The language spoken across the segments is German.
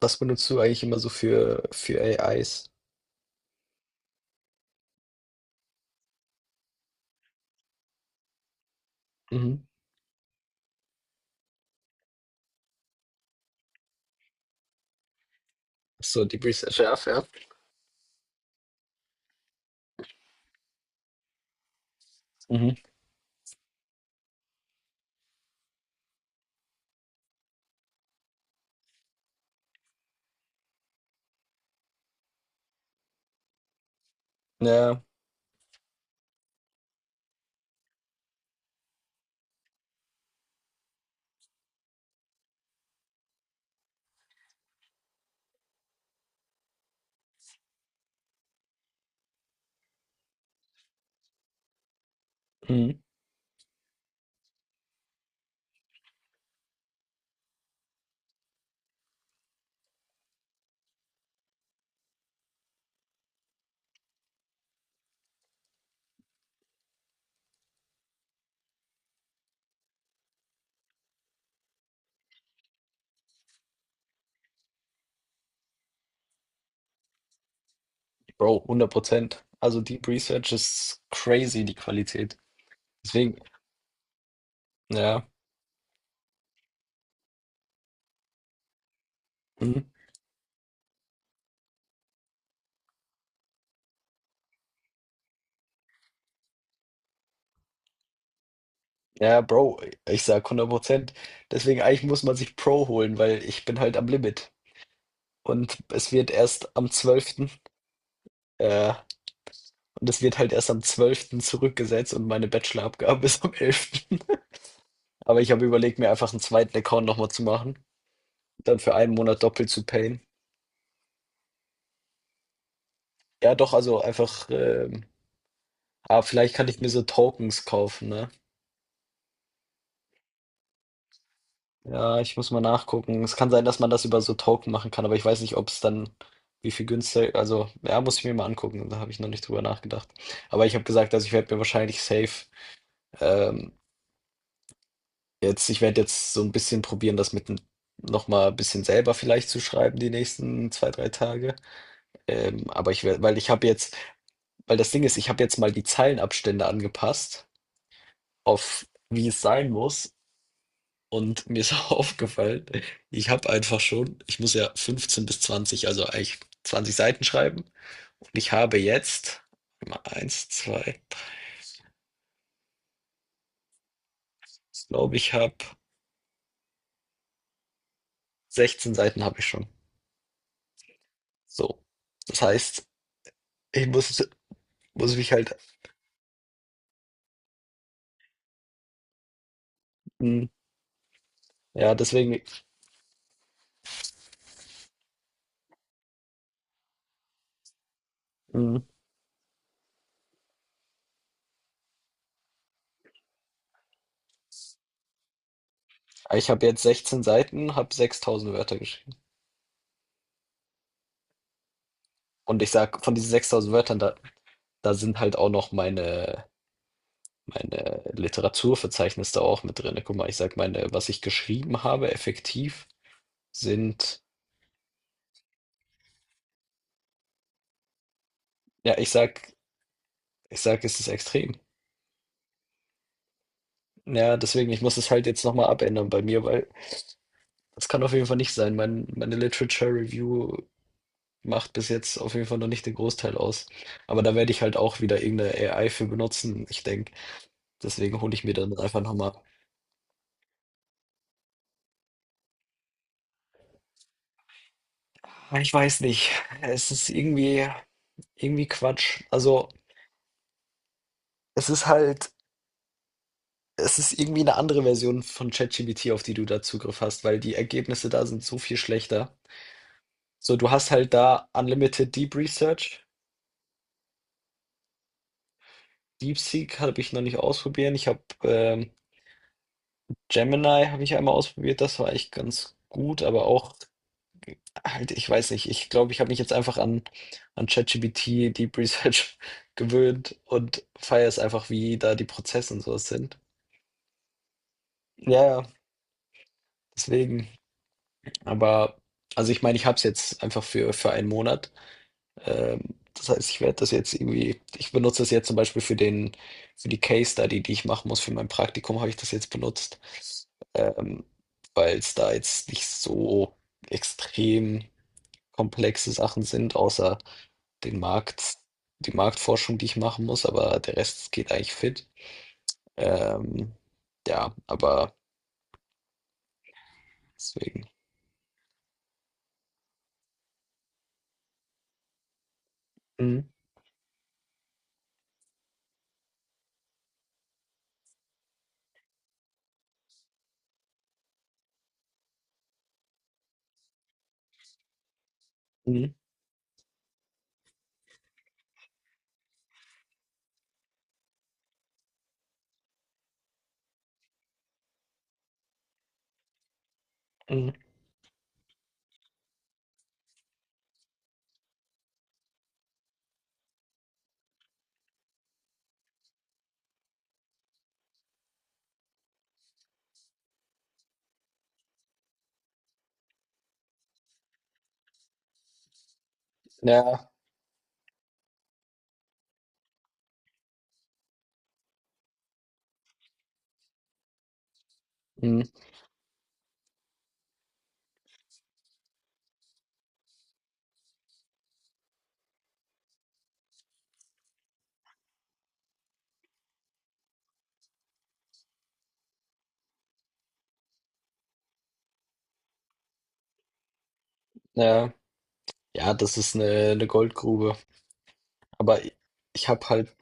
Was benutzt du eigentlich immer so für AIs? Mhm. So Deep Research, ja, fair. Mhm. Ja, mhm. Bro, 100. Also Deep Research ist crazy, die Qualität. Deswegen. Ja, mhm. Ja, Bro, ich sage 100. Deswegen eigentlich muss man sich Pro holen, weil ich bin halt am Limit und es wird erst am 12., äh, und es wird halt erst am 12. zurückgesetzt, und meine Bachelorabgabe ist am elften. Aber ich habe überlegt, mir einfach einen zweiten Account noch mal zu machen, dann für einen Monat doppelt zu payen. Ja, doch, also einfach, aber vielleicht kann ich mir so Tokens kaufen, ne? Ja, ich muss mal nachgucken. Es kann sein, dass man das über so Token machen kann, aber ich weiß nicht, ob es dann wie viel günstiger, also ja, muss ich mir mal angucken, da habe ich noch nicht drüber nachgedacht. Aber ich habe gesagt, also ich werde mir wahrscheinlich safe, ähm, jetzt, ich werde jetzt so ein bisschen probieren, das mit noch mal ein bisschen selber vielleicht zu schreiben die nächsten 2, 3 Tage. Aber ich werde, weil ich habe jetzt, weil das Ding ist, ich habe jetzt mal die Zeilenabstände angepasst auf wie es sein muss. Und mir ist aufgefallen, ich habe einfach schon, ich muss ja 15 bis 20, also eigentlich 20 Seiten schreiben. Und ich habe jetzt mal eins, zwei, drei, ich glaube, ich habe 16 Seiten habe ich schon. So. Das heißt, ich muss mich halt, mm, ja, deswegen, mm, ich habe jetzt 16 Seiten, habe 6.000 Wörter geschrieben. Und ich sag, von diesen 6.000 Wörtern, da sind halt auch noch meine, Literaturverzeichnis da auch mit drin. Guck mal, ich sag, meine, was ich geschrieben habe effektiv sind, ja, ich sag, es ist extrem. Ja, deswegen, ich muss es halt jetzt noch mal abändern bei mir, weil das kann auf jeden Fall nicht sein. Meine Literature Review macht bis jetzt auf jeden Fall noch nicht den Großteil aus. Aber da werde ich halt auch wieder irgendeine AI für benutzen, ich denke. Deswegen hole ich mir dann einfach noch mal, ich weiß nicht. Es ist irgendwie Quatsch. Also, es ist halt Es ist irgendwie eine andere Version von ChatGPT, auf die du da Zugriff hast, weil die Ergebnisse da sind so viel schlechter. So, du hast halt da Unlimited Deep Research. DeepSeek habe ich noch nicht ausprobiert. Ich habe, Gemini habe ich ja einmal ausprobiert. Das war echt ganz gut, aber auch halt, ich weiß nicht. Ich glaube, ich habe mich jetzt einfach an ChatGPT Deep Research gewöhnt und feiere es einfach, wie da die Prozesse und sowas sind. Ja, ja, deswegen. Aber also ich meine, ich habe es jetzt einfach für einen Monat. Das heißt, ich werde das jetzt irgendwie, ich benutze das jetzt zum Beispiel für den, für die Case Study, die ich machen muss, für mein Praktikum habe ich das jetzt benutzt, ähm, weil es da jetzt nicht so extrem komplexe Sachen sind, außer den Markt, die Marktforschung, die ich machen muss, aber der Rest geht eigentlich fit. Ähm, ja, aber deswegen. Mhm. Mhm. Mhm. Ja, mhm. Ja, ja, das ist eine Goldgrube. Aber ich habe halt,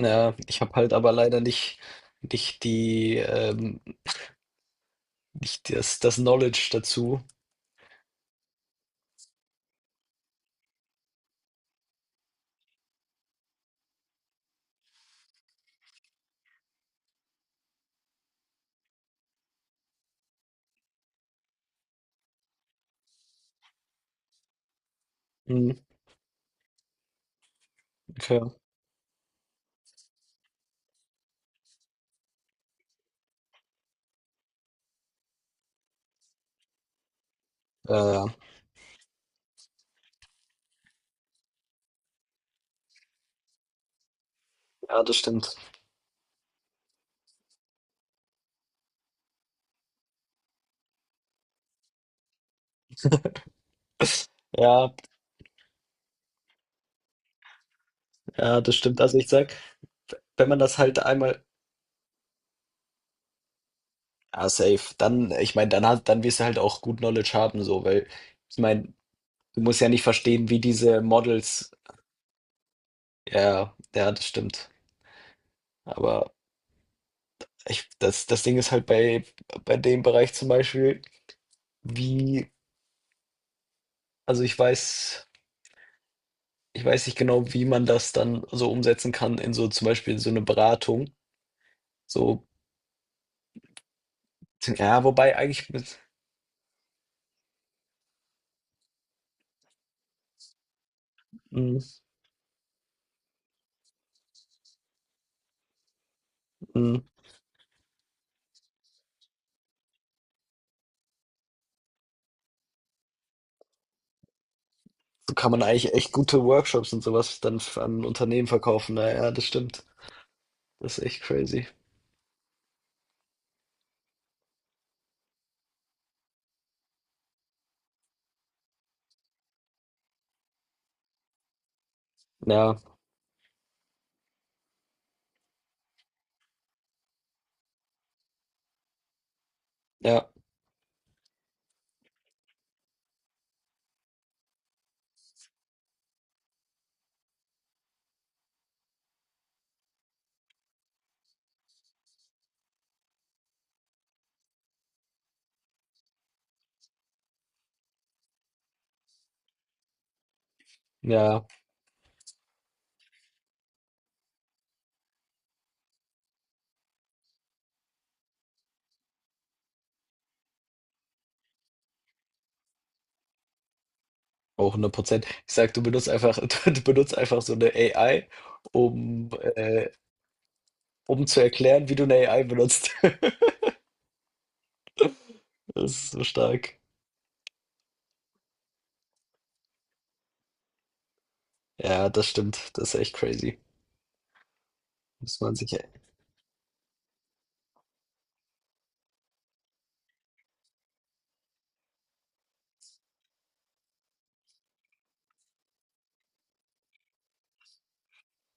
ja, ich habe halt aber leider nicht, nicht die, nicht das Knowledge dazu. Mhm, okay. Ja, ja. Ja, das stimmt. Ja, ja, das stimmt. Also, ich sag, wenn man das halt einmal, ja, safe. Dann ich meine, dann hat dann wirst du halt auch gut Knowledge haben so, weil ich meine, du musst ja nicht verstehen, wie diese Models, ja, ja, das stimmt. Aber ich das das Ding ist halt bei dem Bereich zum Beispiel, wie, also, ich weiß nicht genau, wie man das dann so umsetzen kann in so zum Beispiel so 'ne Beratung. So, ja, wobei eigentlich mit, mhm, mhm, so kann man eigentlich echt gute Workshops und so was dann f an Unternehmen verkaufen. Na ja, das stimmt. Das ist echt crazy. Ja, ja, ja, auch 100. Ich sage, du benutzt einfach du benutzt einfach so 'ne AI, um, äh um zu erklären, wie du 'ne AI benutzt. Das ist so stark. Ja, das stimmt. Das ist echt crazy. Muss man sich,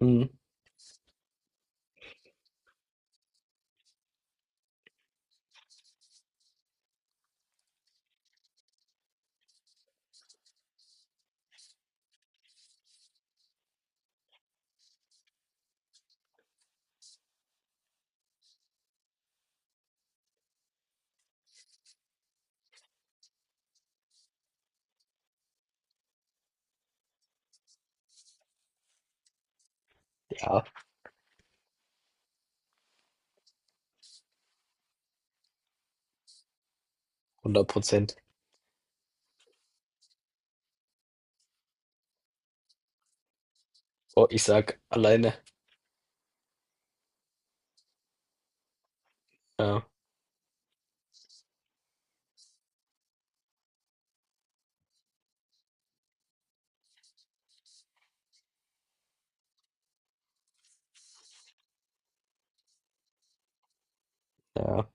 mhm, ja, 100. Oh, ich sag alleine. Ja, ja.